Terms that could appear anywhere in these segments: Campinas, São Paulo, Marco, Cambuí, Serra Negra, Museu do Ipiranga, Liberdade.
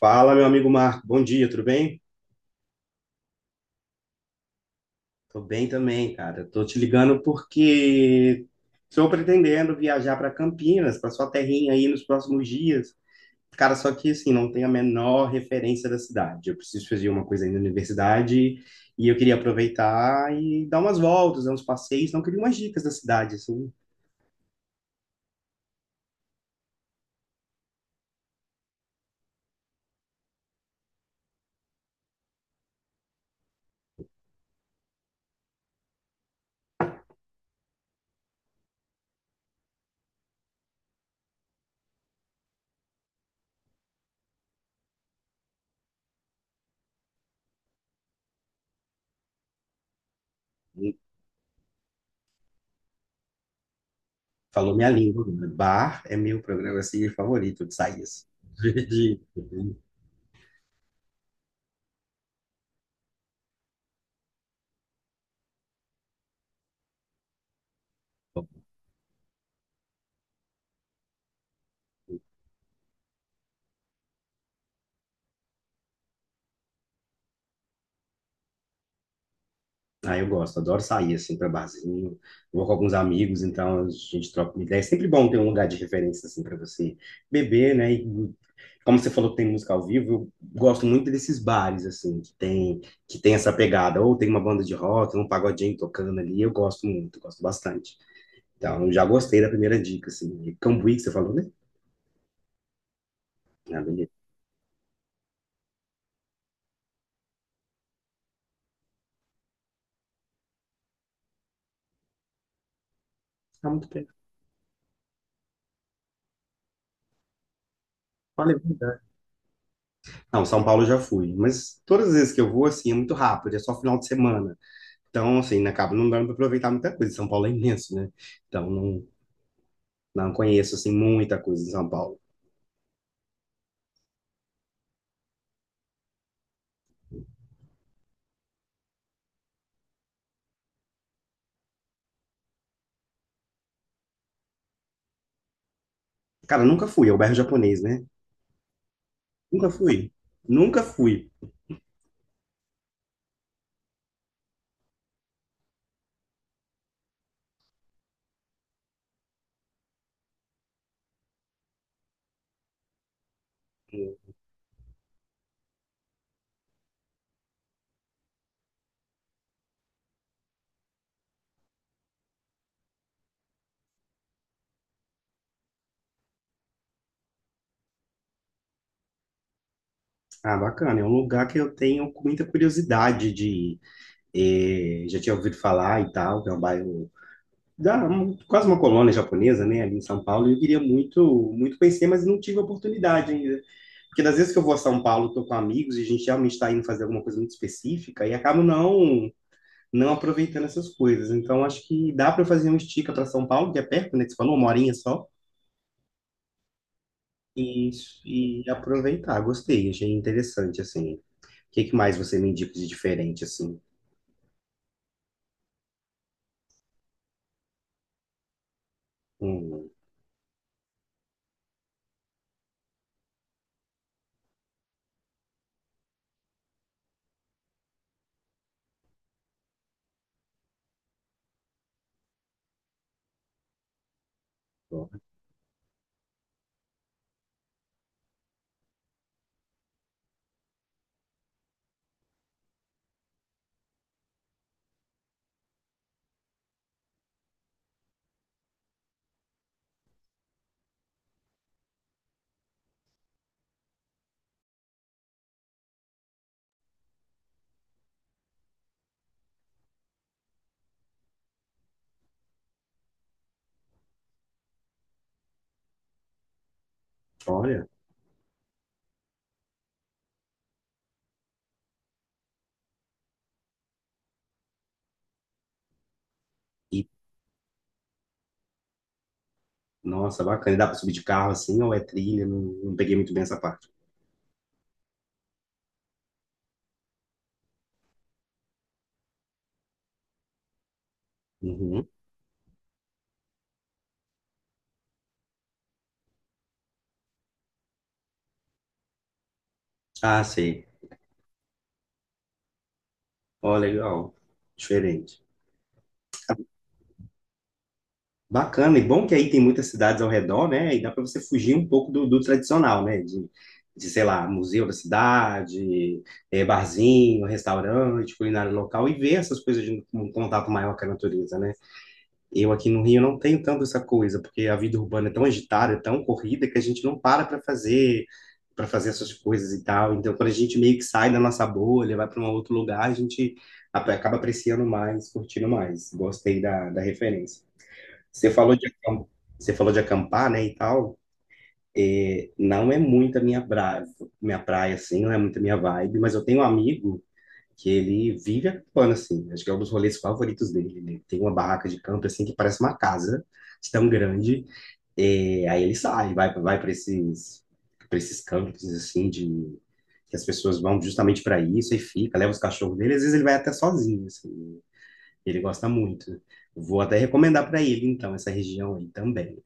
Fala, meu amigo Marco. Bom dia, tudo bem? Tô bem também, cara. Tô te ligando porque estou pretendendo viajar para Campinas, para sua terrinha aí nos próximos dias. Cara, só que assim, não tenho a menor referência da cidade. Eu preciso fazer uma coisa aí na universidade e eu queria aproveitar e dar umas voltas, dar uns passeios, não queria umas dicas da cidade, assim. Hum, Falou minha língua, né? Bar é meu programa assim, favorito de sair. Ah, eu gosto, adoro sair assim para barzinho. Vou com alguns amigos, então a gente troca uma ideia. É sempre bom ter um lugar de referência assim para você beber, né? E, como você falou que tem música ao vivo, eu gosto muito desses bares assim que tem essa pegada, ou tem uma banda de rock, um pagodinho tocando ali. Eu gosto muito, gosto bastante. Então, eu já gostei da primeira dica assim. E Cambuí que você falou, né? Ah, beleza. Tá muito perto. Olha, é verdade. Não, São Paulo eu já fui, mas todas as vezes que eu vou assim é muito rápido, é só final de semana. Então, assim, acaba não dando para aproveitar muita coisa. São Paulo é imenso, né? Então, não, não conheço, assim, muita coisa em São Paulo. Cara, nunca fui, é o bairro japonês, né? Nunca fui. Nunca fui. Ah, bacana, é um lugar que eu tenho muita curiosidade de ir. Já tinha ouvido falar e tal, que é um bairro da, um- quase uma colônia japonesa, né, ali em São Paulo, e eu queria muito, muito conhecer, mas não tive oportunidade ainda. Porque das vezes que eu vou a São Paulo, tô com amigos e a gente realmente está indo fazer alguma coisa muito específica e acabo não aproveitando essas coisas. Então, acho que dá para fazer um estica para São Paulo, que é perto, né? Que você falou, uma horinha só, e, aproveitar. Gostei, achei interessante, assim. O que, que mais você me indica de diferente, assim? Hum, olha, e, nossa, bacana. E dá para subir de carro, assim, ou é trilha? Não, não peguei muito bem essa parte. Uhum. Ah, sei. Ó, legal. Diferente. Bacana, e bom que aí tem muitas cidades ao redor, né? E dá para você fugir um pouco do tradicional, né? De, sei lá, museu da cidade, barzinho, restaurante, culinária local, e ver essas coisas de um contato maior com a natureza, né? Eu aqui no Rio não tenho tanto essa coisa, porque a vida urbana é tão agitada, é tão corrida, que a gente não para para fazer essas coisas e tal. Então, quando a gente meio que sai da nossa bolha, vai para um outro lugar, a gente acaba apreciando mais, curtindo mais. Gostei da, da referência. Você falou de acam- Você falou de acampar, né, e tal. É, não é muito a minha praia, assim, não é muito a minha vibe, mas eu tenho um amigo que ele vive acampando, assim. Acho que é um dos rolês favoritos dele. Ele tem uma barraca de campo, assim, que parece uma casa, de tão grande. É, aí ele sai, vai para esses campos, assim, de... que as pessoas vão justamente para isso e fica, leva os cachorros dele. Às vezes ele vai até sozinho, assim. Ele gosta muito. Vou até recomendar para ele, então, essa região aí também.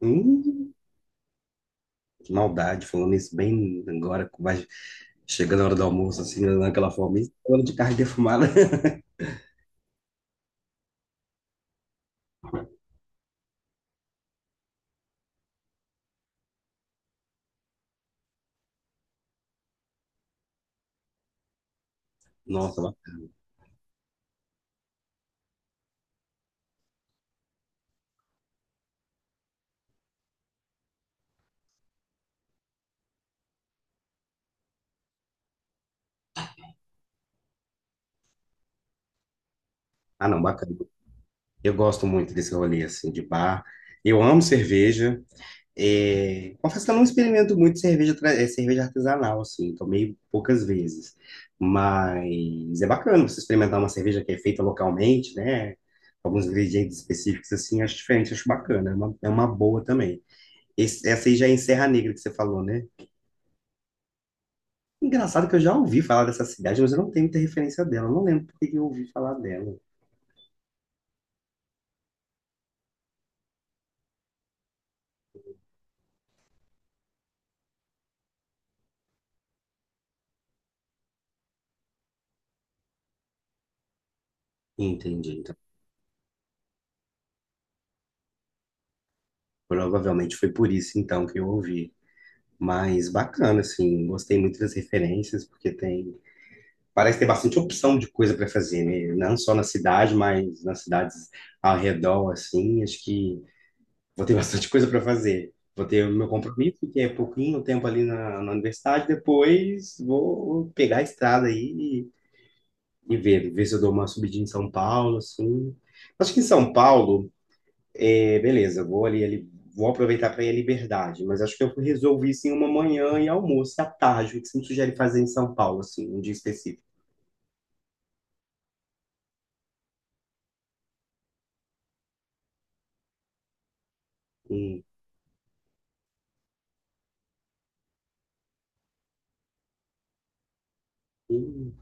Hum, que maldade, falando isso bem agora, vai chegando a hora do almoço, assim, naquela forma, isso, falando de carne defumada. Nossa, ba- ah não, bacana. Eu gosto muito desse rolê, assim, de bar. Eu amo cerveja. É, confesso que eu não experimento muito cerveja, tra- é, cerveja artesanal, assim, tomei poucas vezes. Mas é bacana você experimentar uma cerveja que é feita localmente, né? Alguns ingredientes específicos, assim, acho diferente, acho bacana. É uma boa também. Esse- essa aí já é em Serra Negra que você falou, né? Engraçado que eu já ouvi falar dessa cidade, mas eu não tenho muita referência dela. Eu não lembro por que que eu ouvi falar dela. Entendi, então. Provavelmente foi por isso, então, que eu ouvi. Mas bacana, assim. Gostei muito das referências, porque tem... parece ter bastante opção de coisa para fazer, né? Não só na cidade, mas nas cidades ao redor, assim. Acho que vou ter bastante coisa para fazer. Vou ter o meu compromisso, que é pouquinho tempo ali na, na universidade. Depois vou pegar a estrada aí e ver, ver se eu dou uma subidinha em São Paulo, assim. Acho que em São Paulo, é, beleza, vou ali, ali- vou aproveitar para ir à Liberdade, mas acho que eu resolvi sim uma manhã e almoço e à tarde, o que você me sugere fazer em São Paulo, assim, um dia específico. Hum, hum.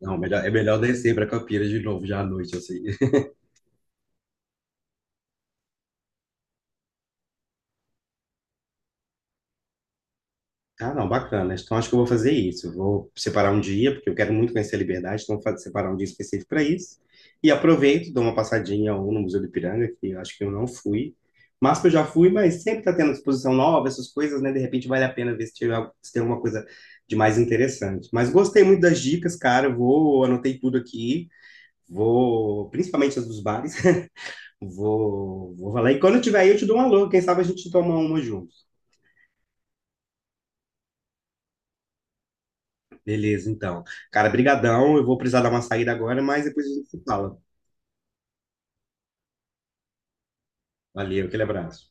Não, melhor, é melhor descer para Campinas de novo já à noite, assim. Ah, não, bacana. Então acho que eu vou fazer isso. Eu vou separar um dia, porque eu quero muito conhecer a Liberdade, então separar um dia específico para isso. E aproveito, dou uma passadinha ou no Museu do Ipiranga, que eu acho que eu não fui. Mas que eu já fui, mas sempre está tendo exposição nova, essas coisas, né? De repente vale a pena ver se, tiver, se tem alguma coisa de mais interessante. Mas gostei muito das dicas, cara. Eu vou, anotei tudo aqui. Vou, principalmente as dos bares. Vou falar. E quando eu tiver aí, eu te dou um alô. Quem sabe a gente toma uma junto. Beleza, então. Cara, brigadão. Eu vou precisar dar uma saída agora, mas depois a gente se fala. Valeu, aquele abraço.